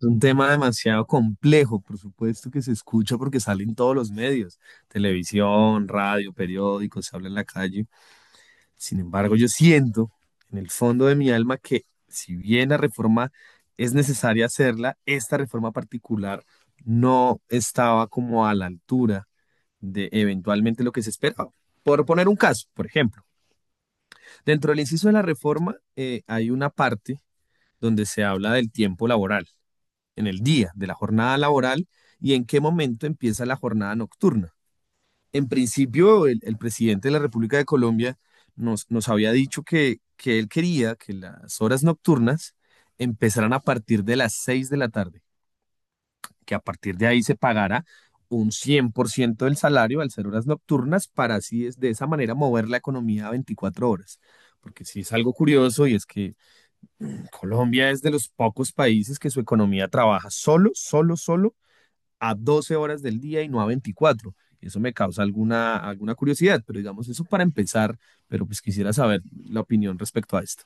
Es un tema demasiado complejo, por supuesto que se escucha porque sale en todos los medios, televisión, radio, periódicos, se habla en la calle. Sin embargo, yo siento en el fondo de mi alma que si bien la reforma es necesaria hacerla, esta reforma particular no estaba como a la altura de eventualmente lo que se esperaba. Por poner un caso, por ejemplo, dentro del inciso de la reforma hay una parte donde se habla del tiempo laboral en el día de la jornada laboral y en qué momento empieza la jornada nocturna. En principio, el presidente de la República de Colombia nos había dicho que él quería que las horas nocturnas empezaran a partir de las 6 de la tarde, que a partir de ahí se pagara un 100% del salario al ser horas nocturnas para así es de esa manera mover la economía a 24 horas. Porque sí es algo curioso y es que Colombia es de los pocos países que su economía trabaja solo a 12 horas del día y no a 24. Eso me causa alguna curiosidad, pero digamos eso para empezar, pero pues quisiera saber la opinión respecto a esto.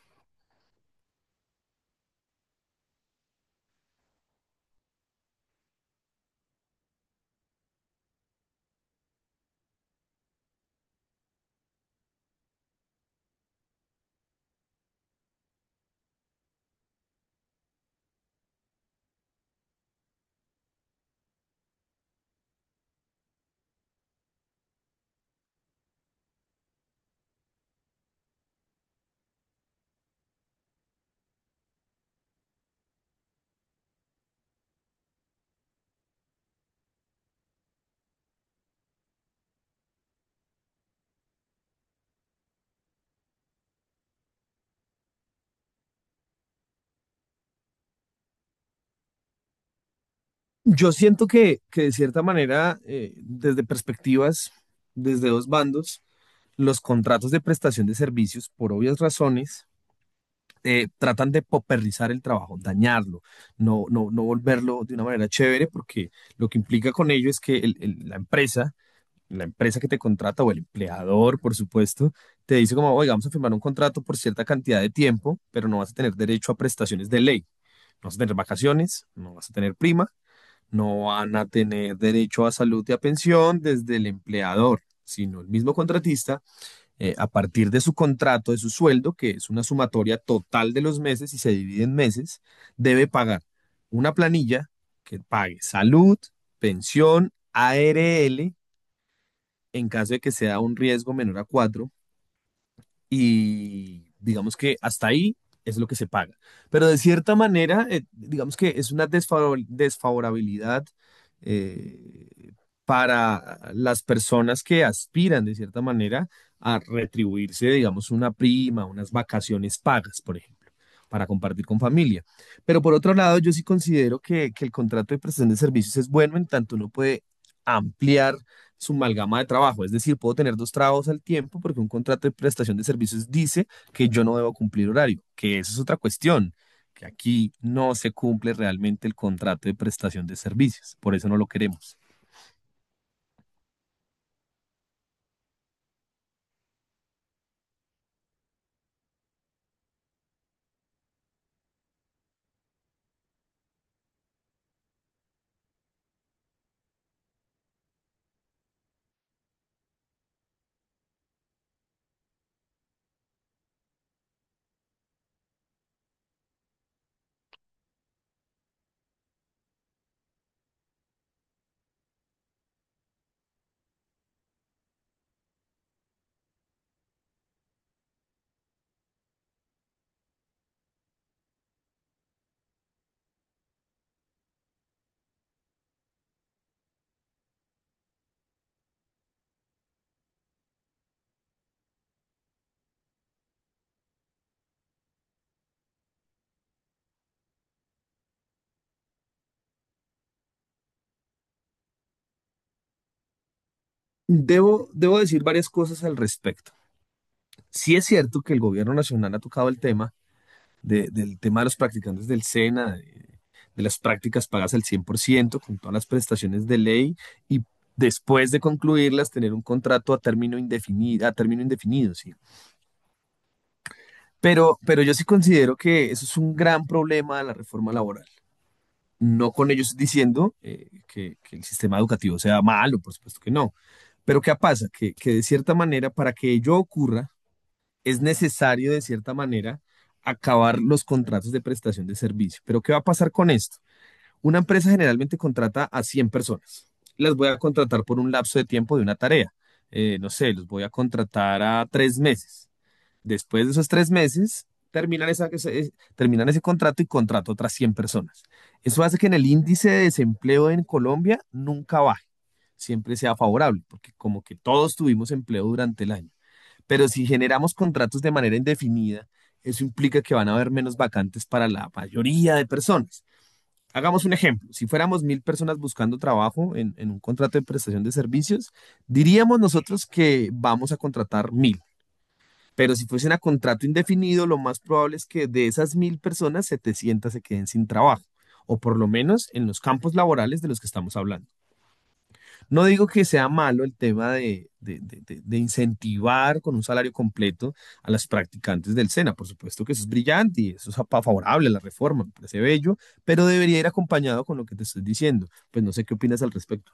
Yo siento que de cierta manera, desde perspectivas, desde dos bandos, los contratos de prestación de servicios, por obvias razones, tratan de popernizar el trabajo, dañarlo, no volverlo de una manera chévere, porque lo que implica con ello es que la empresa que te contrata o el empleador, por supuesto, te dice como, oiga, vamos a firmar un contrato por cierta cantidad de tiempo, pero no vas a tener derecho a prestaciones de ley. No vas a tener vacaciones, no vas a tener prima, no van a tener derecho a salud y a pensión desde el empleador, sino el mismo contratista, a partir de su contrato, de su sueldo, que es una sumatoria total de los meses y se divide en meses, debe pagar una planilla que pague salud, pensión, ARL en caso de que sea un riesgo menor a 4 y digamos que hasta ahí es lo que se paga. Pero de cierta manera, digamos que es una desfavorabilidad eh, para las personas que aspiran de cierta manera a retribuirse, digamos, una prima, unas vacaciones pagas, por ejemplo para compartir con familia. Pero por otro lado, yo sí considero que el contrato de prestación de servicios es bueno en tanto uno puede ampliar su amalgama de trabajo. Es decir, puedo tener dos trabajos al tiempo porque un contrato de prestación de servicios dice que yo no debo cumplir horario, que eso es otra cuestión, que aquí no se cumple realmente el contrato de prestación de servicios. Por eso no lo queremos. Debo decir varias cosas al respecto. Sí es cierto que el gobierno nacional ha tocado el tema del tema de los practicantes del SENA de las prácticas pagas al 100% con todas las prestaciones de ley y después de concluirlas tener un contrato a término indefinido, sí. Pero yo sí considero que eso es un gran problema de la reforma laboral. No con ellos diciendo el sistema educativo sea malo, por supuesto que no. Pero ¿qué pasa? Que de cierta manera, para que ello ocurra, es necesario de cierta manera acabar los contratos de prestación de servicio. Pero ¿qué va a pasar con esto? Una empresa generalmente contrata a 100 personas. Las voy a contratar por un lapso de tiempo de una tarea. No sé, los voy a contratar a tres meses. Después de esos tres meses, terminan, terminan ese contrato y contrato otras 100 personas. Eso hace que en el índice de desempleo en Colombia nunca baje, siempre sea favorable, porque como que todos tuvimos empleo durante el año. Pero si generamos contratos de manera indefinida, eso implica que van a haber menos vacantes para la mayoría de personas. Hagamos un ejemplo. Si fuéramos mil personas buscando trabajo en un contrato de prestación de servicios, diríamos nosotros que vamos a contratar mil. Pero si fuesen a contrato indefinido, lo más probable es que de esas mil personas, 700 se queden sin trabajo, o por lo menos en los campos laborales de los que estamos hablando. No digo que sea malo el tema de incentivar con un salario completo a las practicantes del SENA. Por supuesto que eso es brillante y eso es favorable a la reforma, me parece bello, pero debería ir acompañado con lo que te estoy diciendo. Pues no sé qué opinas al respecto.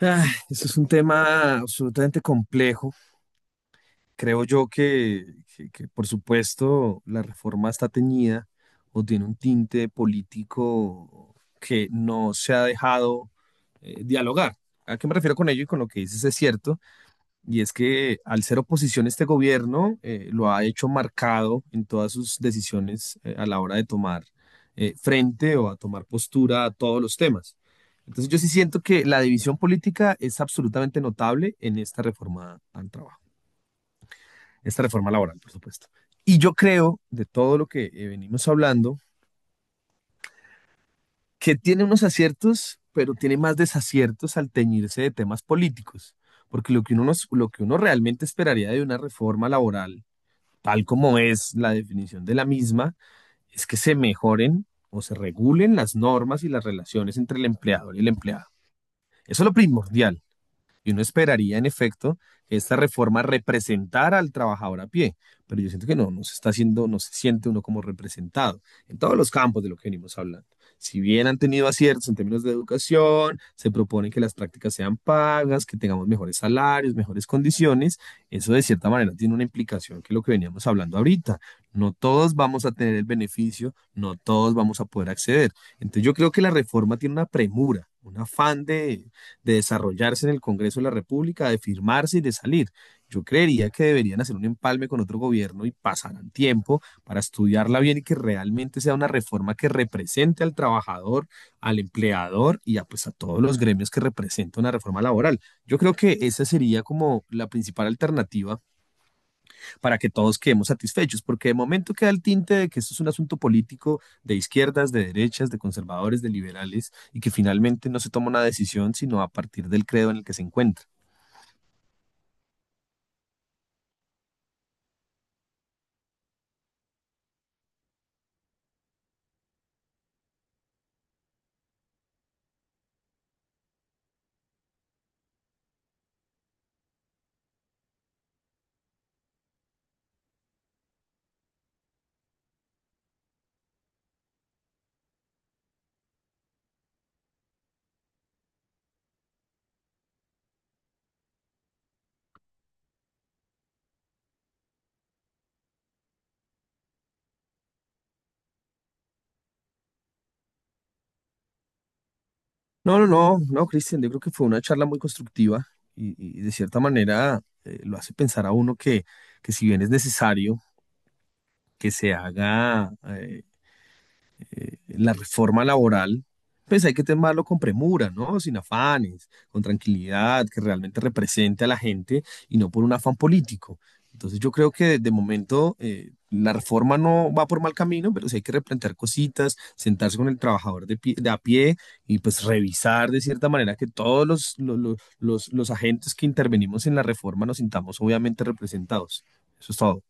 Ah, eso es un tema absolutamente complejo. Creo yo que, por supuesto, la reforma está teñida o tiene un tinte político que no se ha dejado dialogar. ¿A qué me refiero con ello y con lo que dices es cierto? Y es que al ser oposición este gobierno lo ha hecho marcado en todas sus decisiones a la hora de tomar frente o a tomar postura a todos los temas. Entonces yo sí siento que la división política es absolutamente notable en esta reforma al trabajo esta reforma laboral, por supuesto. Y yo creo, de todo lo que venimos hablando, que tiene unos aciertos, pero tiene más desaciertos al teñirse de temas políticos, porque lo que lo que uno realmente esperaría de una reforma laboral, tal como es la definición de la misma, es que se mejoren o se regulen las normas y las relaciones entre el empleador y el empleado. Eso es lo primordial. Y uno esperaría, en efecto, que esta reforma representara al trabajador a pie, pero yo siento que no se está haciendo, no se siente uno como representado en todos los campos de lo que venimos hablando. Si bien han tenido aciertos en términos de educación, se proponen que las prácticas sean pagas, que tengamos mejores salarios, mejores condiciones, eso de cierta manera tiene una implicación que es lo que veníamos hablando ahorita. No todos vamos a tener el beneficio, no todos vamos a poder acceder. Entonces yo creo que la reforma tiene una premura, un afán de desarrollarse en el Congreso de la República, de firmarse y de salir. Yo creería que deberían hacer un empalme con otro gobierno y pasarán tiempo para estudiarla bien y que realmente sea una reforma que represente al trabajador, al empleador y a, pues, a todos los gremios que representa una reforma laboral. Yo creo que esa sería como la principal alternativa para que todos quedemos satisfechos, porque de momento queda el tinte de que esto es un asunto político de izquierdas, de derechas, de conservadores, de liberales, y que finalmente no se toma una decisión sino a partir del credo en el que se encuentra. No, no, no, no, Cristian, yo creo que fue una charla muy constructiva y de cierta manera lo hace pensar a uno que si bien es necesario que se haga la reforma laboral, pues hay que tomarlo con premura, ¿no? Sin afanes, con tranquilidad, que realmente represente a la gente y no por un afán político. Entonces yo creo que de momento la reforma no va por mal camino, pero sí hay que replantear cositas, sentarse con el trabajador de a pie y pues revisar de cierta manera que todos los, lo- los agentes que intervenimos en la reforma nos sintamos obviamente representados. Eso es todo.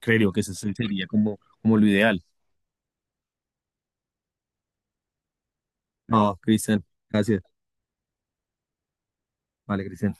Creo que eso sería como lo ideal. No, Cristian, gracias. Vale, Cristian.